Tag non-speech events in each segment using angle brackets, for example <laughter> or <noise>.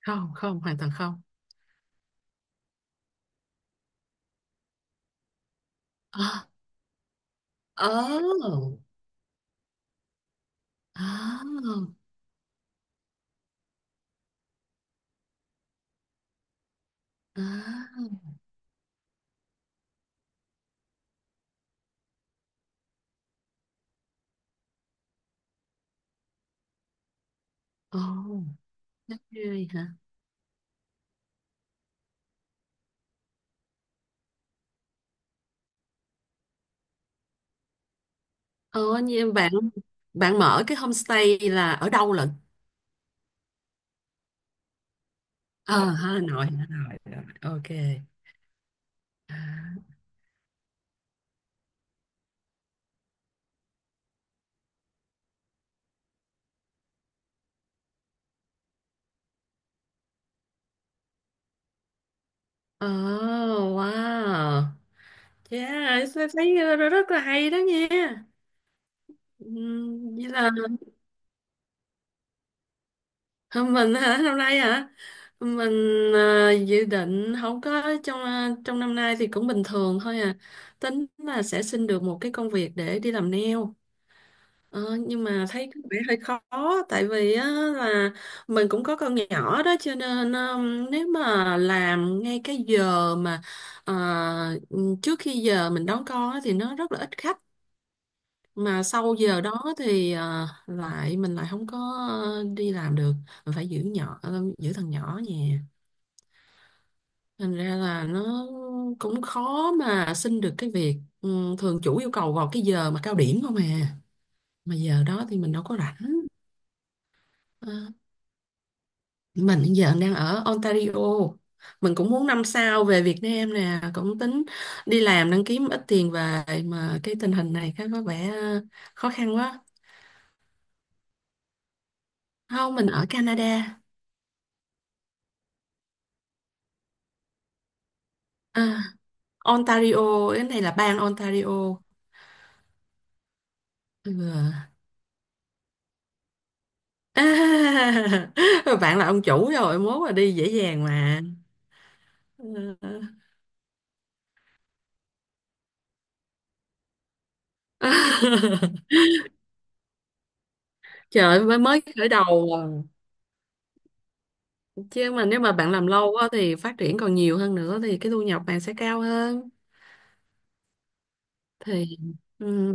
Không, không, hoàn toàn không. À, oh, à, à, ồ đất ơi hả. Ồ, như em bạn. Bạn mở cái homestay là ở đâu lận? À, Hà Nội, Hà Nội, Hà Nội. Ok. Oh wow, yeah, thấy thấy rất là hay đó nha. Vậy là Hôm mình hả, năm nay hả? Mình, à, dự định không có trong trong năm nay thì cũng bình thường thôi à. Tính là sẽ xin được một cái công việc để đi làm nail. Ờ, nhưng mà thấy có vẻ hơi khó, tại vì á, là mình cũng có con nhỏ đó, cho nên nếu mà làm ngay cái giờ mà, à, trước khi giờ mình đón con á, thì nó rất là ít khách. Mà sau giờ đó thì, lại mình lại không có đi làm được. Mình phải giữ nhỏ, giữ thằng nhỏ nhà. Thành ra là nó cũng khó mà xin được cái việc. Ừ, thường chủ yêu cầu vào cái giờ mà cao điểm không à, mà giờ đó thì mình đâu có rảnh. Ờ, mình hiện giờ đang ở Ontario. Mình cũng muốn năm sau về Việt Nam nè, cũng tính đi làm đang kiếm ít tiền về, mà cái tình hình này cái có vẻ khó khăn quá. Không, mình ở Canada. À, Ontario, cái này là bang Ontario. Ừ. À, <laughs> bạn là ông chủ rồi, mốt là đi dễ dàng mà. Ừ. <laughs> Trời ơi, mới mới khởi đầu. À, chứ mà nếu mà bạn làm lâu quá thì phát triển còn nhiều hơn nữa, thì cái thu nhập bạn sẽ cao hơn. Thì ừ.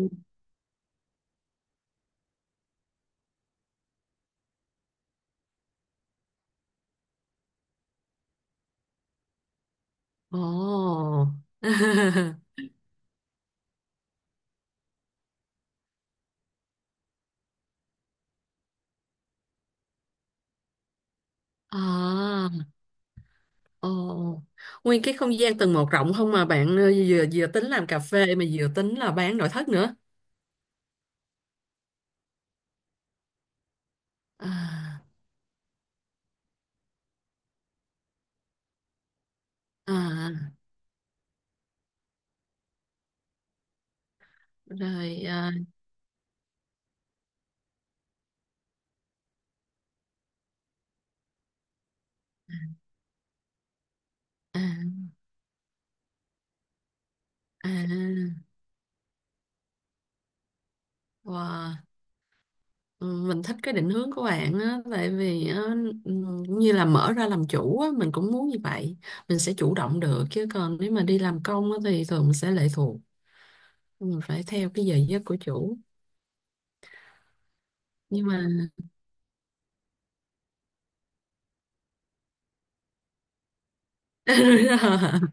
Ồ. <laughs> À. Ồ, nguyên cái không gian tầng một rộng không mà bạn, vừa vừa tính làm cà phê mà vừa tính là bán nội thất nữa? À. À. Rồi à. À. À. Wow. Ừ, mình thích cái định hướng của bạn á, tại vì á, ừ, như là mở ra làm chủ á mình cũng muốn như vậy. Mình sẽ chủ động được, chứ còn nếu mà đi làm công á thì thường mình sẽ lệ thuộc, mình phải theo cái giờ giấc của chủ. Nhưng mà <laughs> đúng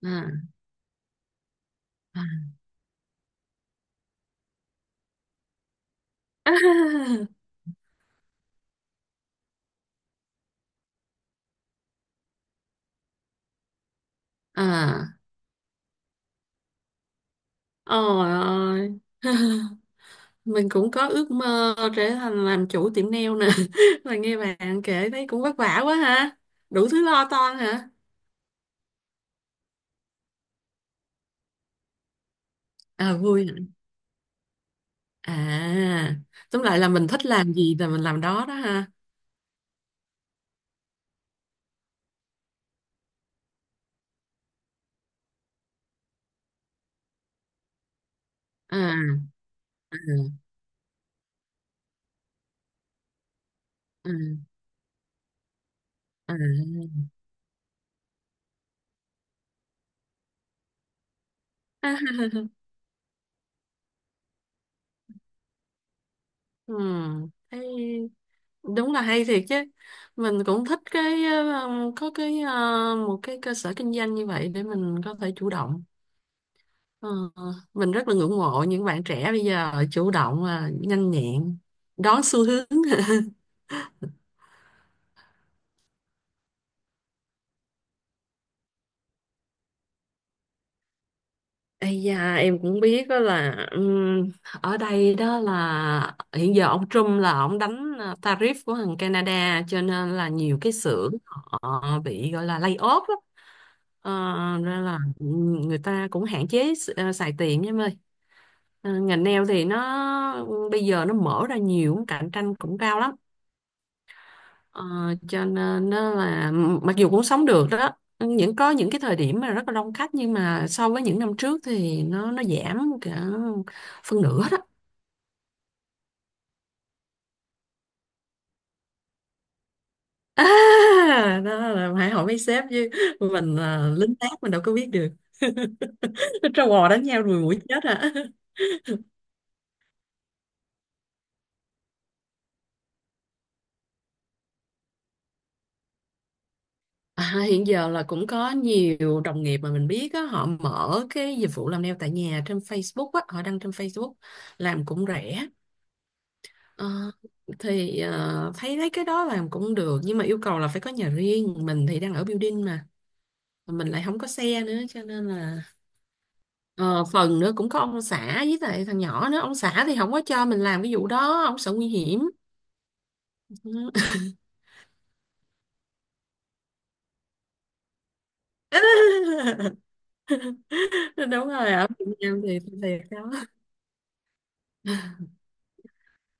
rồi. À, <laughs> à, à. À, ôi ơi. <laughs> Mình cũng có ước mơ trở thành làm chủ tiệm nail nè. <laughs> Mà nghe bạn kể thấy cũng vất vả quá ha, đủ thứ lo toan hả? À, vui hả? À, tóm lại là mình thích làm gì là mình làm đó đó ha. À. À. À. À. <laughs> Ừ, thấy đúng là hay thiệt chứ. Mình cũng thích cái, có cái, một cái cơ sở kinh doanh như vậy để mình có thể chủ động. Ờ, mình rất là ngưỡng mộ những bạn trẻ bây giờ chủ động và nhanh nhẹn đón xu hướng. <laughs> Ây da, em cũng biết đó là ở đây đó là hiện giờ ông Trump là ông đánh, tariff của thằng Canada, cho nên là nhiều cái xưởng họ bị gọi là lay off đó. Ờ, nên là người ta cũng hạn chế xài tiền nha em ơi. Ờ, ngành nail thì nó bây giờ nó mở ra nhiều, cạnh tranh cũng cao lắm. Ờ, cho nên nó là mặc dù cũng sống được đó, những có những cái thời điểm mà rất là đông khách, nhưng mà so với những năm trước thì nó giảm cả phân nửa đó. <laughs> À, đó là phải hỏi mấy sếp chứ, mình là lính tác mình đâu có biết được. <laughs> Trâu bò đánh nhau rồi mũi chết à. <laughs> À, hiện giờ là cũng có nhiều đồng nghiệp mà mình biết á, họ mở cái dịch vụ làm nail tại nhà trên Facebook á, họ đăng trên Facebook làm cũng rẻ. Ờ, thì thấy thấy cái đó làm cũng được, nhưng mà yêu cầu là phải có nhà riêng, mình thì đang ở building mà mình lại không có xe nữa, cho nên là, ờ, phần nữa cũng có ông xã với lại thằng nhỏ nữa, ông xã thì không có cho mình làm cái vụ đó, ông sợ nguy hiểm. <laughs> Đúng rồi, ở Việt Nam thì thiệt đó. <laughs>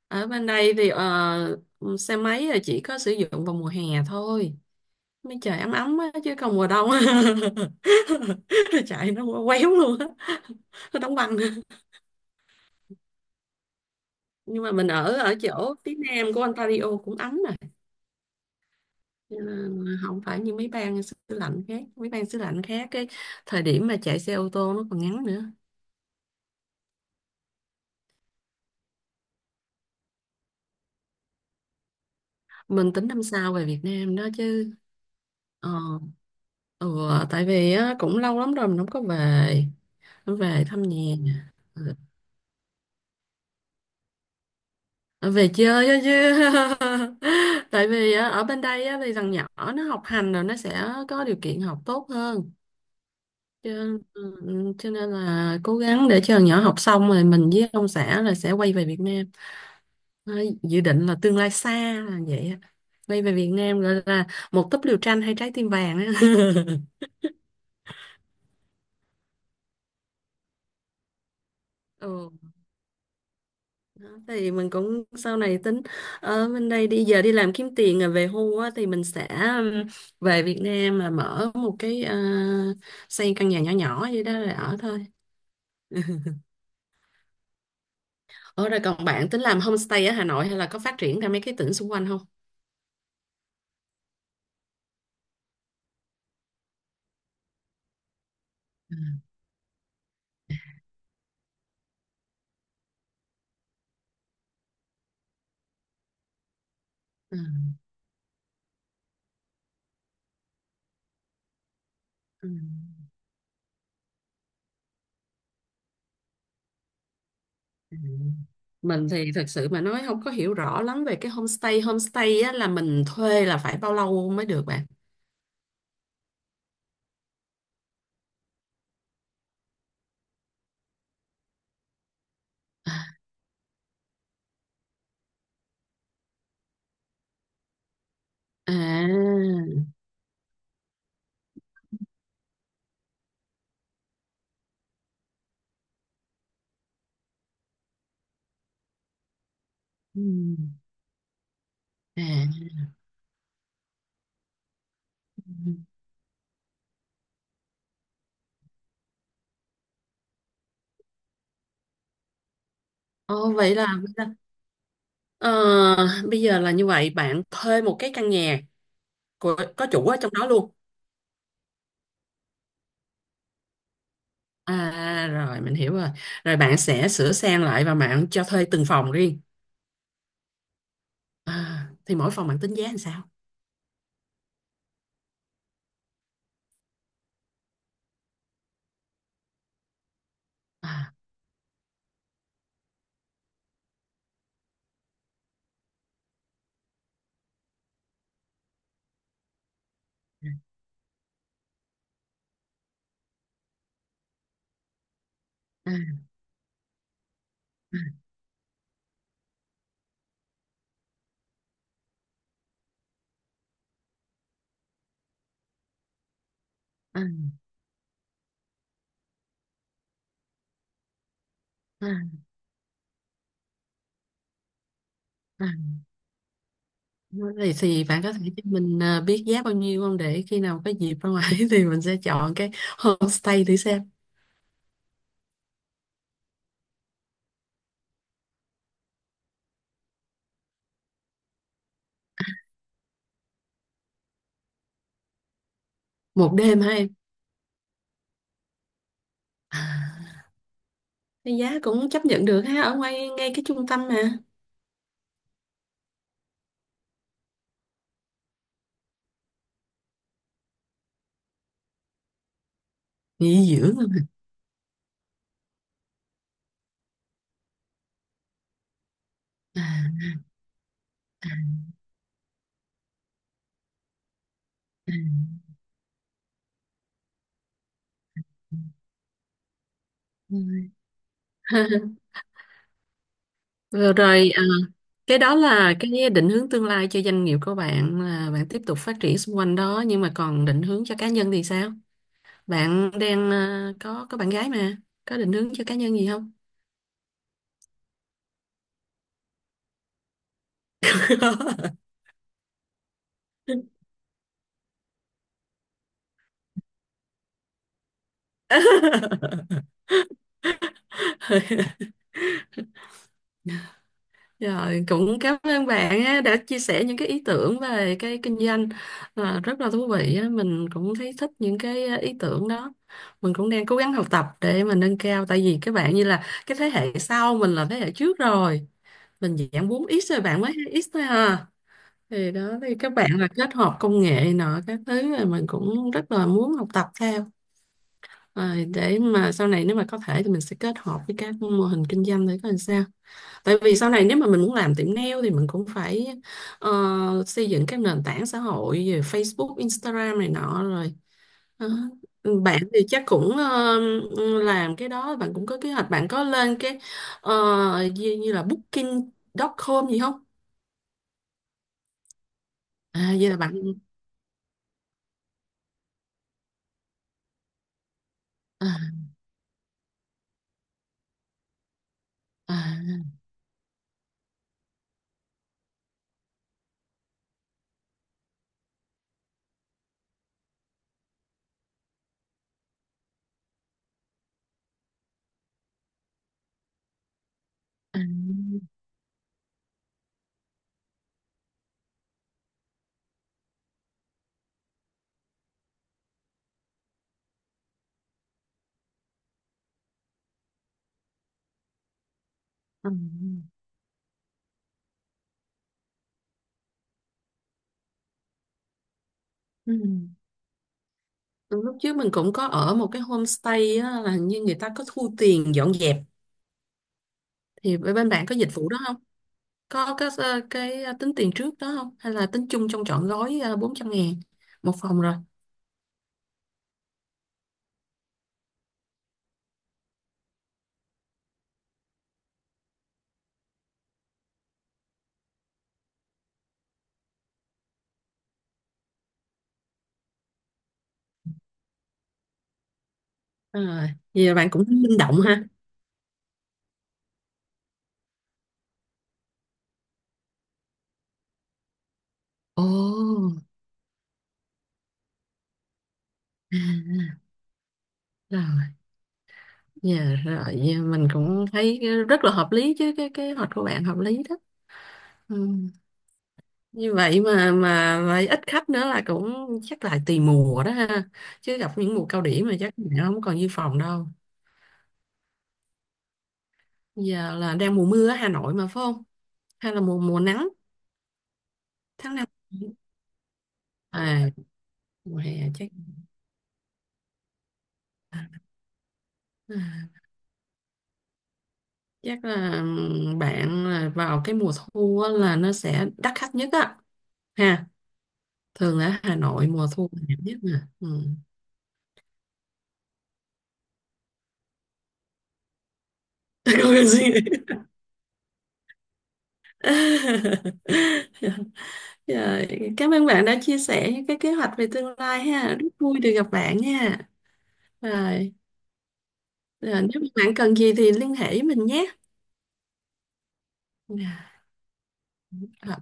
Ở bên đây thì, xe máy là chỉ có sử dụng vào mùa hè thôi, mấy trời ấm ấm á, chứ còn mùa đông <laughs> chạy nó quéo luôn á, nó đóng băng. Nhưng mà mình ở ở chỗ phía nam của Ontario cũng ấm mà. Cho nên không phải như mấy bang xứ lạnh khác, mấy bang xứ lạnh khác cái thời điểm mà chạy xe ô tô nó còn ngắn nữa. Mình tính năm sau về Việt Nam đó chứ. Ờ. Ừ, tại vì á, cũng lâu lắm rồi mình không có về, không về thăm nhà. Ừ, về chơi á chứ. <laughs> Tại vì á, ở bên đây á, thì thằng nhỏ nó học hành rồi nó sẽ có điều kiện học tốt hơn. Cho, ừ, cho nên là cố gắng để cho thằng nhỏ học xong rồi mình với ông xã là sẽ quay về Việt Nam. Đấy, dự định là tương lai xa là vậy á, quay về Việt Nam gọi là một túp lều tranh hay trái tim vàng á. <laughs> Ừ. Đó, thì mình cũng sau này tính ở bên đây đi giờ đi làm kiếm tiền rồi về hưu á, thì mình sẽ về Việt Nam là mở một cái, xây căn nhà nhỏ nhỏ vậy đó rồi ở thôi. Ở rồi, còn bạn tính làm homestay ở Hà Nội hay là có phát triển ra mấy cái tỉnh xung quanh không? Ừ, ừ, ừ, ừ. Mình thì thật sự mà nói không có hiểu rõ lắm về cái homestay. Homestay á, là mình thuê là phải bao lâu mới được bạn? À. Ừ. À. Ừ. Ồ, vậy là, ờ, bây giờ là như vậy bạn thuê một cái căn nhà của, có chủ ở trong đó luôn? À, rồi mình hiểu rồi, rồi bạn sẽ sửa sang lại và bạn cho thuê từng phòng riêng. À, thì mỗi phòng bạn tính giá làm sao? À. À. À. À. À. Thì bạn có thể cho mình, à, biết giá bao nhiêu không, để khi nào có dịp ra ngoài <laughs> thì mình sẽ chọn cái homestay thử xem. Một đêm hả em? À, cái giá cũng chấp nhận được ha, ở ngoài ngay cái trung tâm mà. Nghỉ dưỡng mà. À. À. À. Ừ. <laughs> Vừa rồi, à, cái đó là cái định hướng tương lai cho doanh nghiệp của bạn là bạn tiếp tục phát triển xung quanh đó, nhưng mà còn định hướng cho cá nhân thì sao? Bạn đang, à, có bạn gái mà, có định hướng cho cá nhân gì không? <laughs> <laughs> Rồi, cũng cảm ơn bạn á, đã chia sẻ những cái ý tưởng về cái kinh doanh, à, rất là thú vị á. Mình cũng thấy thích những cái, à, ý tưởng đó. Mình cũng đang cố gắng học tập để mà nâng cao, tại vì các bạn như là cái thế hệ sau, mình là thế hệ trước rồi. Mình dạng bốn x rồi, bạn mới hai x thôi à. Thì đó, thì các bạn là kết hợp công nghệ nọ các thứ, là mình cũng rất là muốn học tập theo. Rồi, để mà sau này nếu mà có thể thì mình sẽ kết hợp với các mô hình kinh doanh để coi làm sao. Tại vì sau này nếu mà mình muốn làm tiệm nail thì mình cũng phải, ờ, xây dựng các nền tảng xã hội về Facebook, Instagram này nọ rồi. Đó. Bạn thì chắc cũng, làm cái đó, bạn cũng có kế hoạch, bạn có lên cái, ờ, như là booking.com gì không? À, vậy là bạn, à, à, à, à, ừ. Lúc trước mình cũng có ở một cái homestay á, là hình như người ta có thu tiền dọn dẹp, thì bên bạn có dịch vụ đó, có các, cái, tính tiền trước đó không hay là tính chung trong trọn gói, 400.000 một phòng rồi? Rồi, vậy là bạn cũng tính linh động ha. Ồ. À, rồi, dạ, rồi, dạ, mình cũng thấy rất là hợp lý chứ, cái kế hoạch của bạn hợp lý đó. Ừ. Như vậy mà vậy ít khách nữa là cũng, chắc là tùy mùa đó ha, chứ gặp những mùa cao điểm mà chắc bạn không còn như phòng đâu. Giờ là đang mùa mùa ở Hà Nội mà phải không, hay là mùa mùa nắng, tháng 5? À, mùa hè chắc. À, chắc là bạn là vào cái mùa thu á, là nó sẽ đắt khách nhất á ha. Thường ở Hà Nội mùa thu là đẹp nhất mà. Ừ. <laughs> Không cần suy <laughs> rồi, cảm ơn bạn đã chia sẻ những cái kế hoạch về tương lai ha, rất vui được gặp bạn nha. Rồi. Rồi, nếu bạn cần gì thì liên hệ với mình nhé. Rồi.